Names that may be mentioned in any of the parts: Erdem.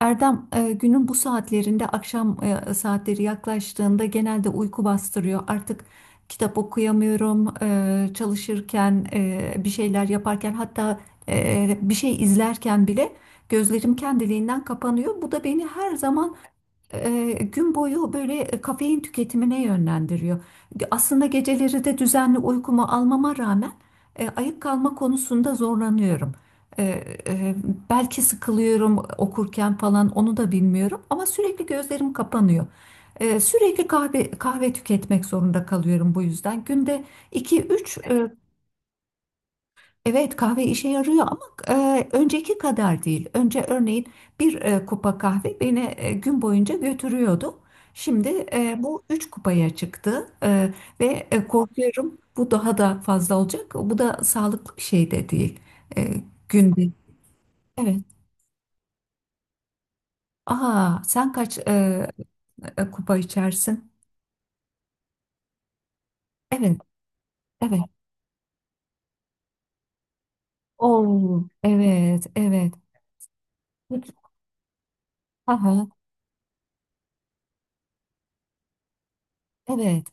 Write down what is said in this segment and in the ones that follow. Erdem, günün bu saatlerinde akşam saatleri yaklaştığında genelde uyku bastırıyor. Artık kitap okuyamıyorum, çalışırken, bir şeyler yaparken, hatta bir şey izlerken bile gözlerim kendiliğinden kapanıyor. Bu da beni her zaman gün boyu böyle kafein tüketimine yönlendiriyor. Aslında geceleri de düzenli uykumu almama rağmen ayık kalma konusunda zorlanıyorum. E, e, belki sıkılıyorum okurken falan, onu da bilmiyorum, ama sürekli gözlerim kapanıyor. Sürekli kahve kahve tüketmek zorunda kalıyorum bu yüzden. Günde iki üç. Evet, kahve işe yarıyor ama önceki kadar değil. Önce örneğin bir kupa kahve beni gün boyunca götürüyordu. Şimdi bu üç kupaya çıktı. Ve korkuyorum, bu daha da fazla olacak. Bu da sağlıklı bir şey de değil. E, Günde. Evet. Aa, sen kaç kupa içersin? Evet, evet. Oo, evet, evet. Aha, evet,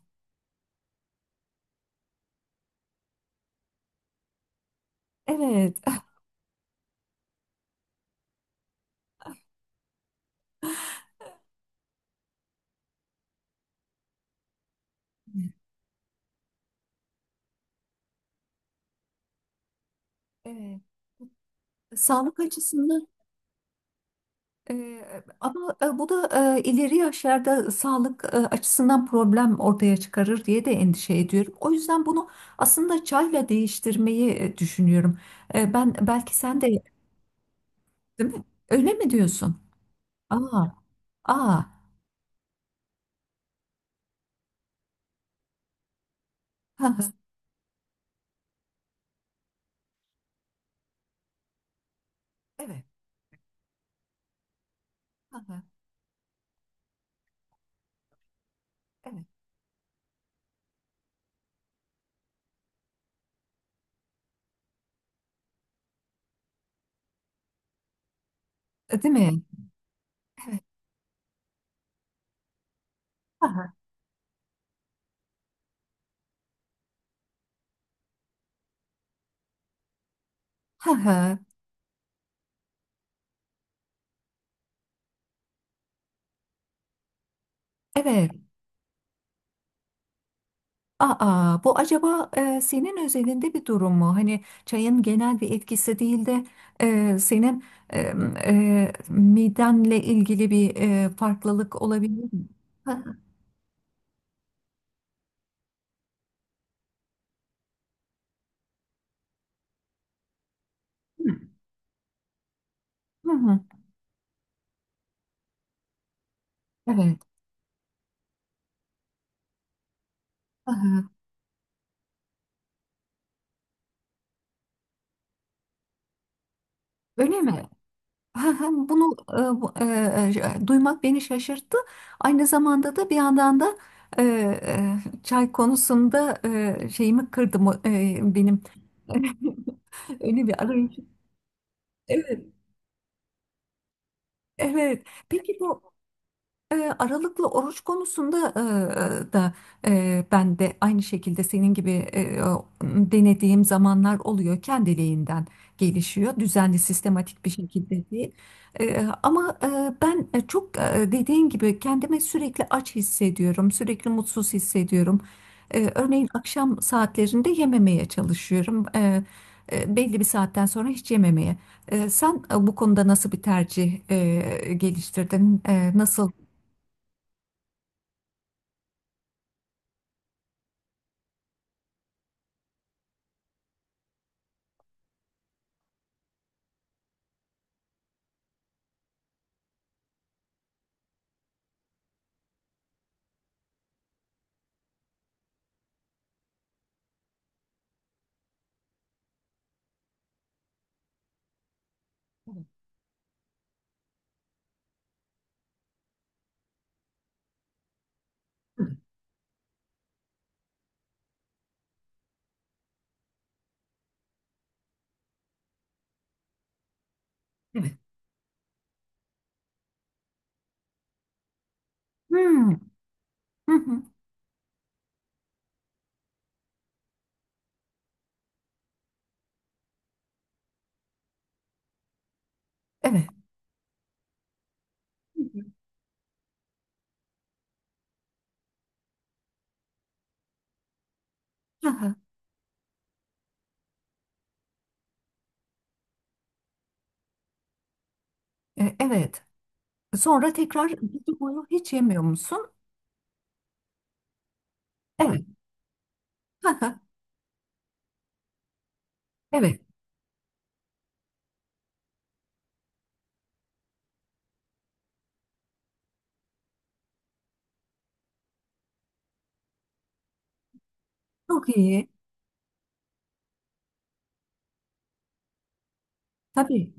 evet. Evet. Sağlık açısından. Ee, Ama bu da ileri yaşlarda sağlık açısından problem ortaya çıkarır diye de endişe ediyorum. O yüzden bunu aslında çayla değiştirmeyi düşünüyorum. Ben, belki sen de, değil mi? Öyle mi diyorsun? Aa, aa, ha, ha, evet, ha, ha, evet, değil mi? Ha, ha, ha, ha, evet. Aa, bu acaba senin özelinde bir durum mu? Hani çayın genel bir etkisi değil de senin e, midenle ilgili bir farklılık olabilir mi? Hı hı, hı hı, evet. Hı hı. Öyle mi? Hı hı. Bunu duymak beni şaşırttı. Aynı zamanda da, bir yandan da, çay konusunda şeyimi kırdı mı- benim öyle bir arayış. Evet, evet. Peki bu. Aralıklı oruç konusunda da ben de aynı şekilde senin gibi denediğim zamanlar oluyor. Kendiliğinden gelişiyor. Düzenli, sistematik bir şekilde değil. Ama ben çok dediğin gibi kendimi sürekli aç hissediyorum. Sürekli mutsuz hissediyorum. Örneğin akşam saatlerinde yememeye çalışıyorum. Belli bir saatten sonra hiç yememeye. Sen bu konuda nasıl bir tercih geliştirdin? Nasıl? Evet. Hmm. Hı hı. Evet. Hı hı. Aha, evet. Sonra tekrar gece boyu hiç yemiyor musun? Evet. Aha, evet. Çok iyi. Tabii.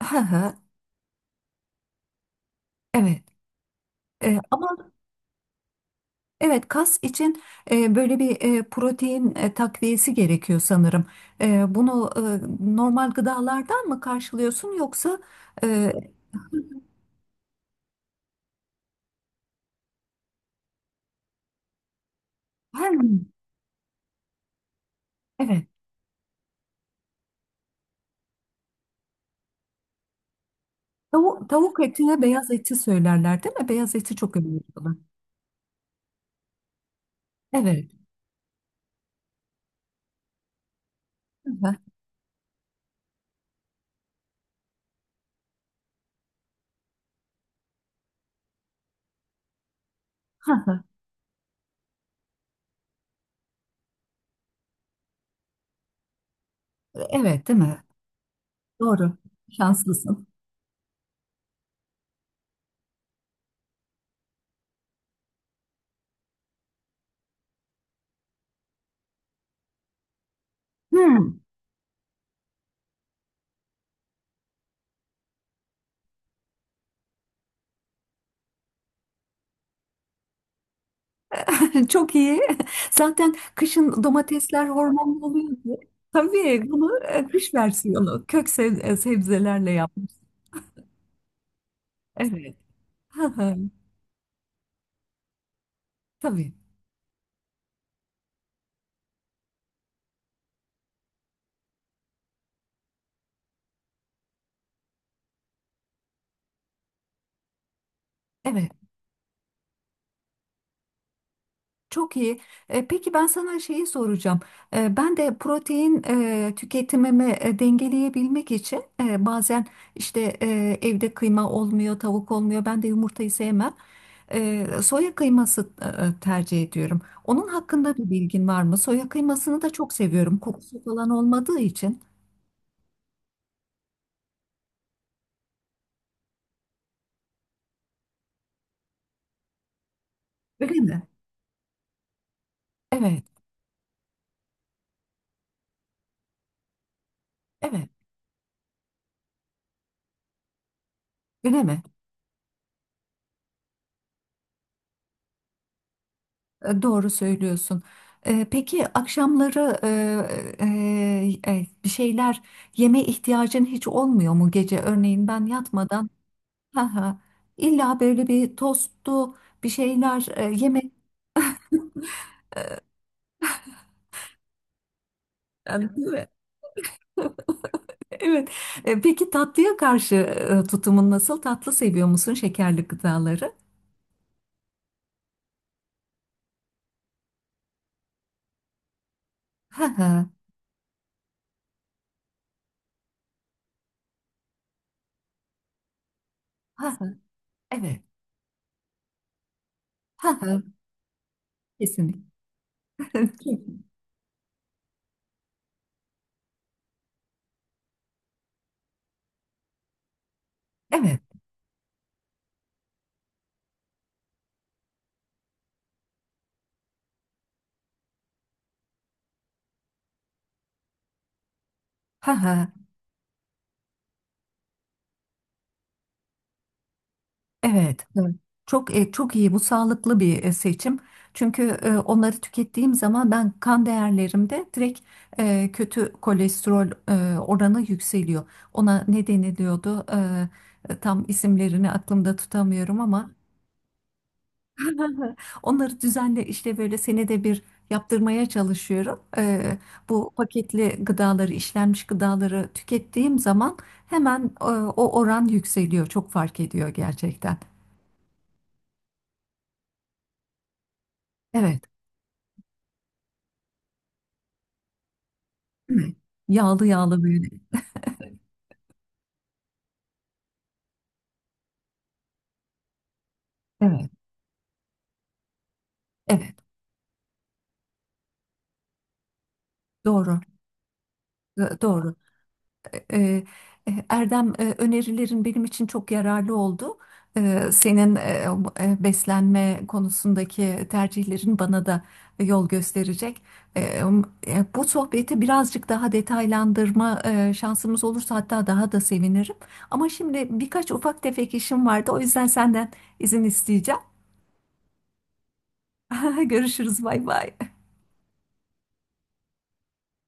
Aha, evet. Ama evet, kas için böyle bir protein takviyesi gerekiyor sanırım. Bunu normal gıdalardan mı karşılıyorsun, yoksa e, her. Evet. Tavuk etine beyaz eti söylerler, değil mi? Beyaz eti çok önemli olan. Evet. Aha, aha. Evet, değil mi? Doğru. Şanslısın. Hmm, çok iyi. Zaten kışın domatesler hormonlu oluyor oluyordu. Tabii bunu kış versiyonu, kök sebzelerle yapmış. Evet. Hı hı. Tabii. Evet. Çok iyi. Peki ben sana şeyi soracağım. Ben de protein tüketimimi dengeleyebilmek için bazen, işte, evde kıyma olmuyor, tavuk olmuyor. Ben de yumurtayı sevmem. Soya kıyması tercih ediyorum. Onun hakkında bir bilgin var mı? Soya kıymasını da çok seviyorum. Kokusu falan olmadığı için. Öyle mi? Evet, evet. Öyle mi? Doğru söylüyorsun. Peki akşamları bir şeyler yeme ihtiyacın hiç olmuyor mu gece? Örneğin ben yatmadan, ha ha, illa böyle bir tostlu bir şeyler yeme. Evet. Evet. Peki tatlıya karşı tutumun nasıl? Tatlı seviyor musun, şekerli gıdaları? Ha ha, ha ha. Evet. Ha ha. Kesinlikle. Evet. Ha ha. Evet, evet. Çok iyi bu, sağlıklı bir seçim. Çünkü onları tükettiğim zaman ben kan değerlerimde direkt kötü kolesterol oranı yükseliyor. Ona ne deniliyordu? Tam isimlerini aklımda tutamıyorum ama onları düzenle işte böyle senede bir yaptırmaya çalışıyorum. Bu paketli gıdaları, işlenmiş gıdaları tükettiğim zaman hemen o oran yükseliyor. Çok fark ediyor gerçekten. Evet. Evet. Yağlı yağlı böyle. Evet, evet. Doğru. Doğru. E, e, Erdem, önerilerin benim için çok yararlı oldu. Senin beslenme konusundaki tercihlerin bana da yol gösterecek. E, um, Bu sohbeti birazcık daha detaylandırma şansımız olursa hatta daha da sevinirim. Ama şimdi birkaç ufak tefek işim vardı. O yüzden senden izin isteyeceğim. Görüşürüz. Bay bay.